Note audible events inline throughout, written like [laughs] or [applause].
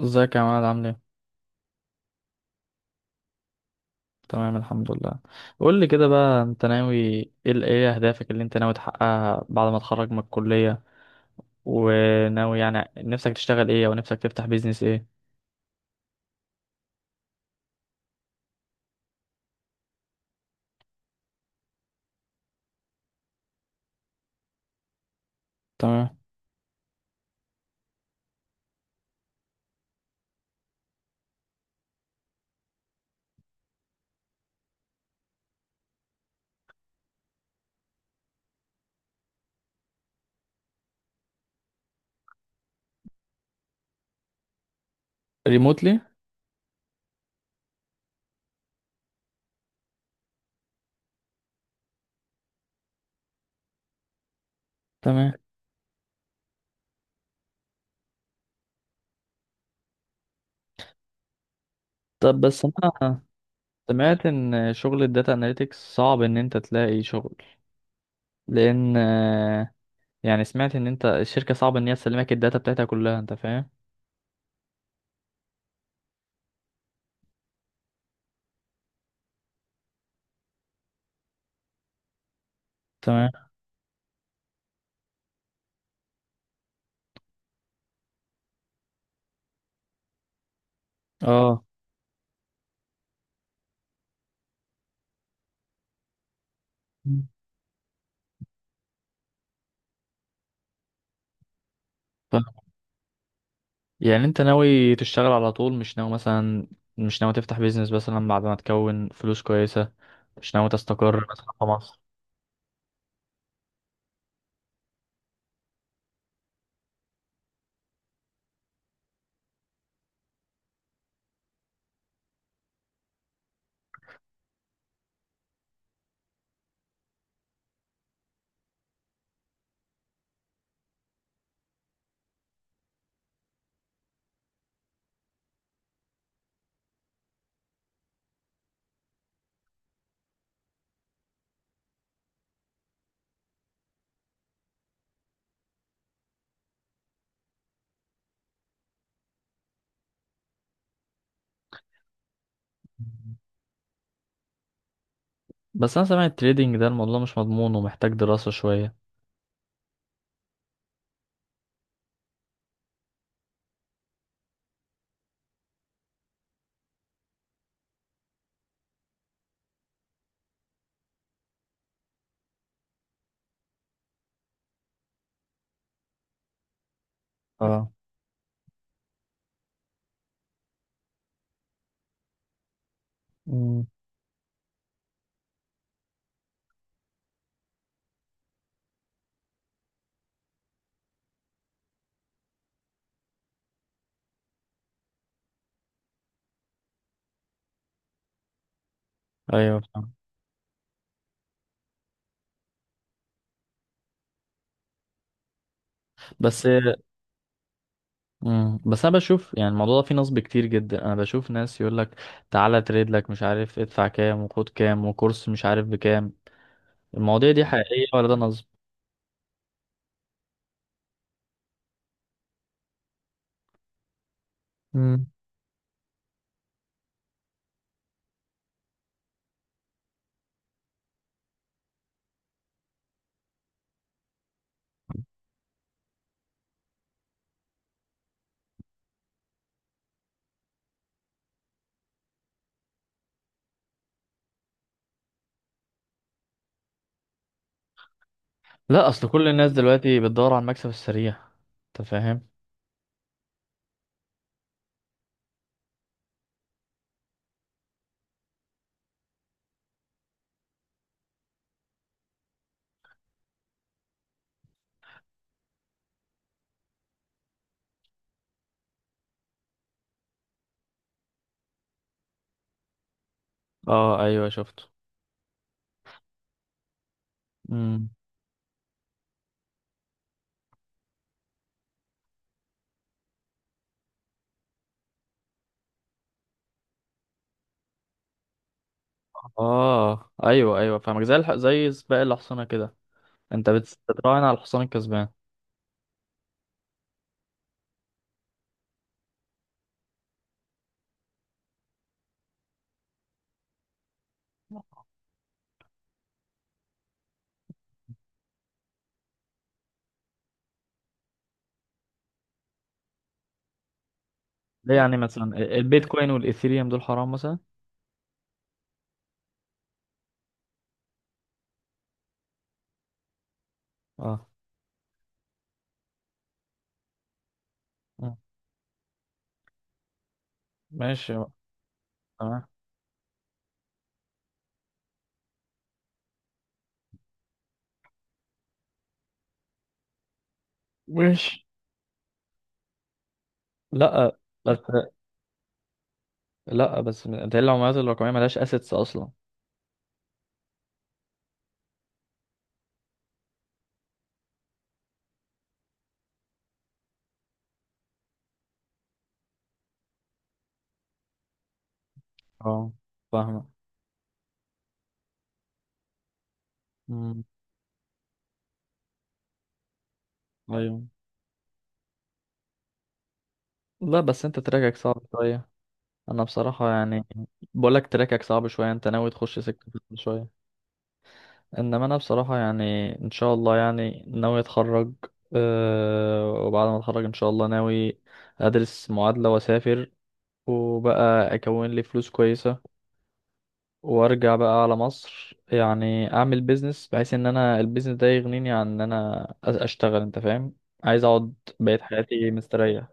ازيك يا عماد عامل ايه؟ تمام، الحمد لله. قول لي كده بقى، انت ناوي ايه، ايه اهدافك اللي انت ناوي تحققها بعد ما تخرج من الكلية؟ وناوي يعني نفسك تشتغل ايه او نفسك تفتح بيزنس ايه؟ تمام. ريموتلي. تمام. طب بس انا سمعت ان شغل الداتا اناليتكس صعب ان انت تلاقي شغل، لان يعني سمعت ان انت الشركة صعب ان هي تسلمك الداتا بتاعتها كلها، انت فاهم؟ تمام. اه، يعني انت ناوي تشتغل على طول، مش ناوي مثلا، مش ناوي تفتح بيزنس مثلا بعد ما تكون فلوس كويسة، مش ناوي تستقر مثلا في مصر؟ بس انا سامع التريدينج ده الموضوع مش مضمون ومحتاج دراسة شوية. اه. مم. ايوه، فاهم. بس. مم. بس انا بشوف يعني الموضوع ده فيه نصب كتير جدا، انا بشوف ناس يقول لك تعالى تريد لك، مش عارف ادفع كام وخد كام وكورس مش عارف بكام. المواضيع دي حقيقية ولا ده نصب؟ مم. لا، اصل كل الناس دلوقتي بتدور على المكسب السريع، انت فاهم. اه، ايوه شفته. امم. اه ايوه ايوه فاهمك، زي زي سباق الحصانه كده، انت بتتراهن على الحصان الكسبان. ليه يعني مثلا البيتكوين والايثيريوم دول حرام مثلا؟ اه. مم. ماشي بقى. تمام. ماشي. لا. بس بس ده العملات الرقميه ملهاش اسيتس اصلا. اه، فاهمه. امم. ايوه. لا بس انت تراكك صعب شويه، انا بصراحه يعني بقولك تراكك صعب شويه، انت ناوي تخش سكه شويه. انما انا بصراحة يعني، ان شاء الله يعني ناوي اتخرج، أه. وبعد ما اتخرج ان شاء الله ناوي ادرس معادلة واسافر، وبقى اكون لي فلوس كويسة، وارجع بقى على مصر يعني اعمل بيزنس بحيث ان انا البيزنس ده يغنيني عن ان انا اشتغل، انت فاهم. عايز اقعد بقية حياتي مستريح.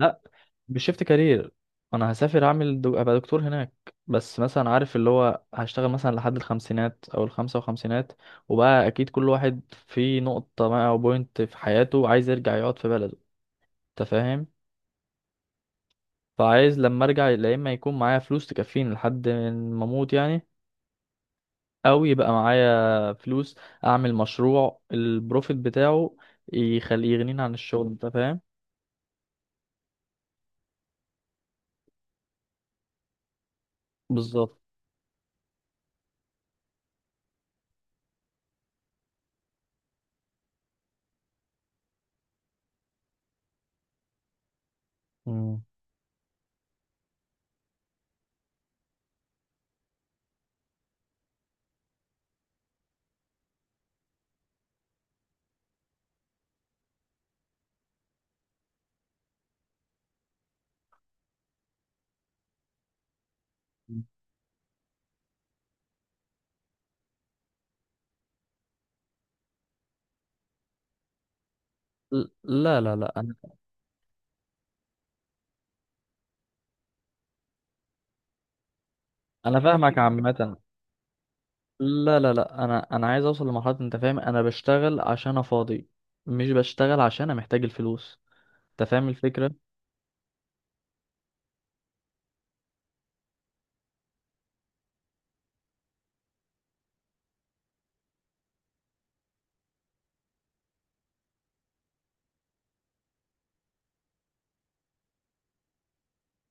لا. بشيفت كارير انا هسافر، اعمل ابقى دكتور هناك، بس مثلا عارف اللي هو هشتغل مثلا لحد الخمسينات او الخمسة وخمسينات، وبقى اكيد كل واحد في نقطة ما او بوينت في حياته عايز يرجع يقعد في بلده، انت فاهم. فعايز لما ارجع يا اما يكون معايا فلوس تكفيني لحد ما اموت يعني، او يبقى معايا فلوس اعمل مشروع البروفيت بتاعه يخليه يغنيني عن الشغل، انت فاهم. بالظبط. مم. لا لا لا، انا. انا فاهمك عامه. لا لا لا، انا عايز اوصل لمرحله، انت فاهم انا بشتغل عشان انا فاضي، مش بشتغل عشان انا محتاج الفلوس، انت فاهم الفكره.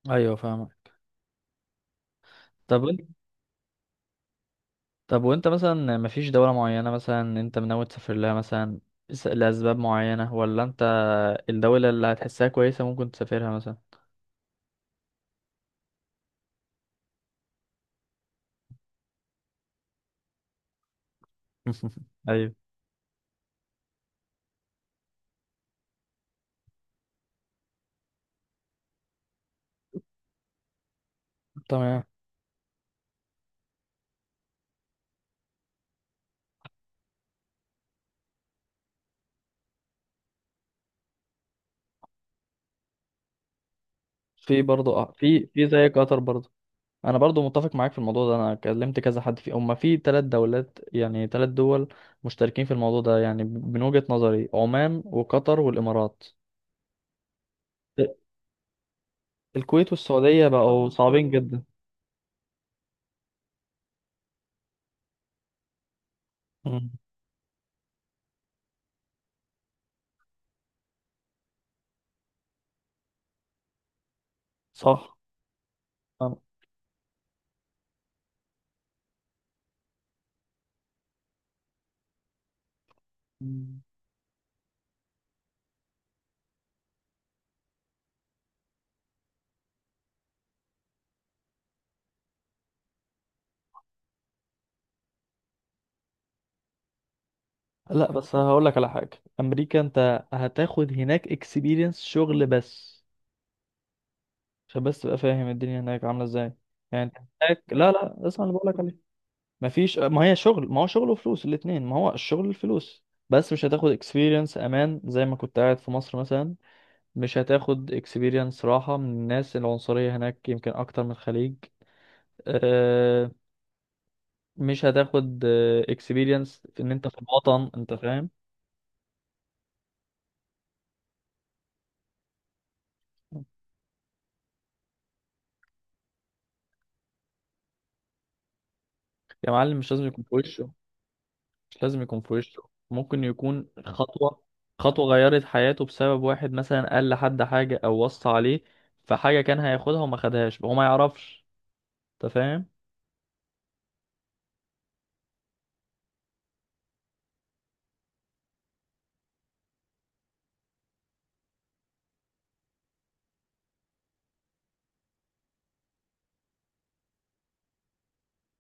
ايوه فاهمك. طب انت. طب وانت مثلا مفيش دوله معينه مثلا انت ناوي تسافر لها مثلا، لاسباب معينه، ولا انت الدوله اللي هتحسها كويسه ممكن تسافرها مثلا؟ [laughs] ايوه. تمام. في برضه اه، في زي قطر برضه. انا برضو متفق معاك في الموضوع ده، انا كلمت كذا حد فيه، هما في 3 دولات يعني 3 دول مشتركين في الموضوع ده يعني، من وجهة نظري عمان وقطر والامارات. الكويت والسعودية بقوا صعبين جدا. مم. صح. أنا- مم. لا بس هقول لك على حاجة، امريكا انت هتاخد هناك اكسبيرينس شغل بس، عشان بس تبقى فاهم الدنيا هناك عاملة ازاي. يعني انت هناك، لا لا، اسمع اللي بقول لك، ما فيش، ما هي شغل، ما هو شغل وفلوس الاتنين، ما هو الشغل الفلوس. بس مش هتاخد experience امان زي ما كنت قاعد في مصر مثلا، مش هتاخد experience راحة من الناس العنصرية، هناك يمكن اكتر من الخليج. أه. مش هتاخد experience في ان انت في الوطن، انت فاهم. يا معلم مش لازم يكون في وشه، مش لازم يكون في وشه، ممكن يكون خطوة، خطوة غيرت حياته بسبب واحد مثلا قال لحد حاجة او وصى عليه، فحاجة كان هياخدها وما خدهاش هو ما يعرفش، انت فاهم.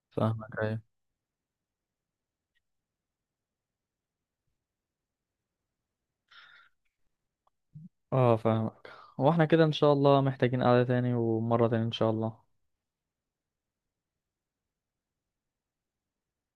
فاهمك. ايوه اه فاهمك. واحنا كده ان شاء الله محتاجين قعدة تاني ومرة تاني ان شاء الله.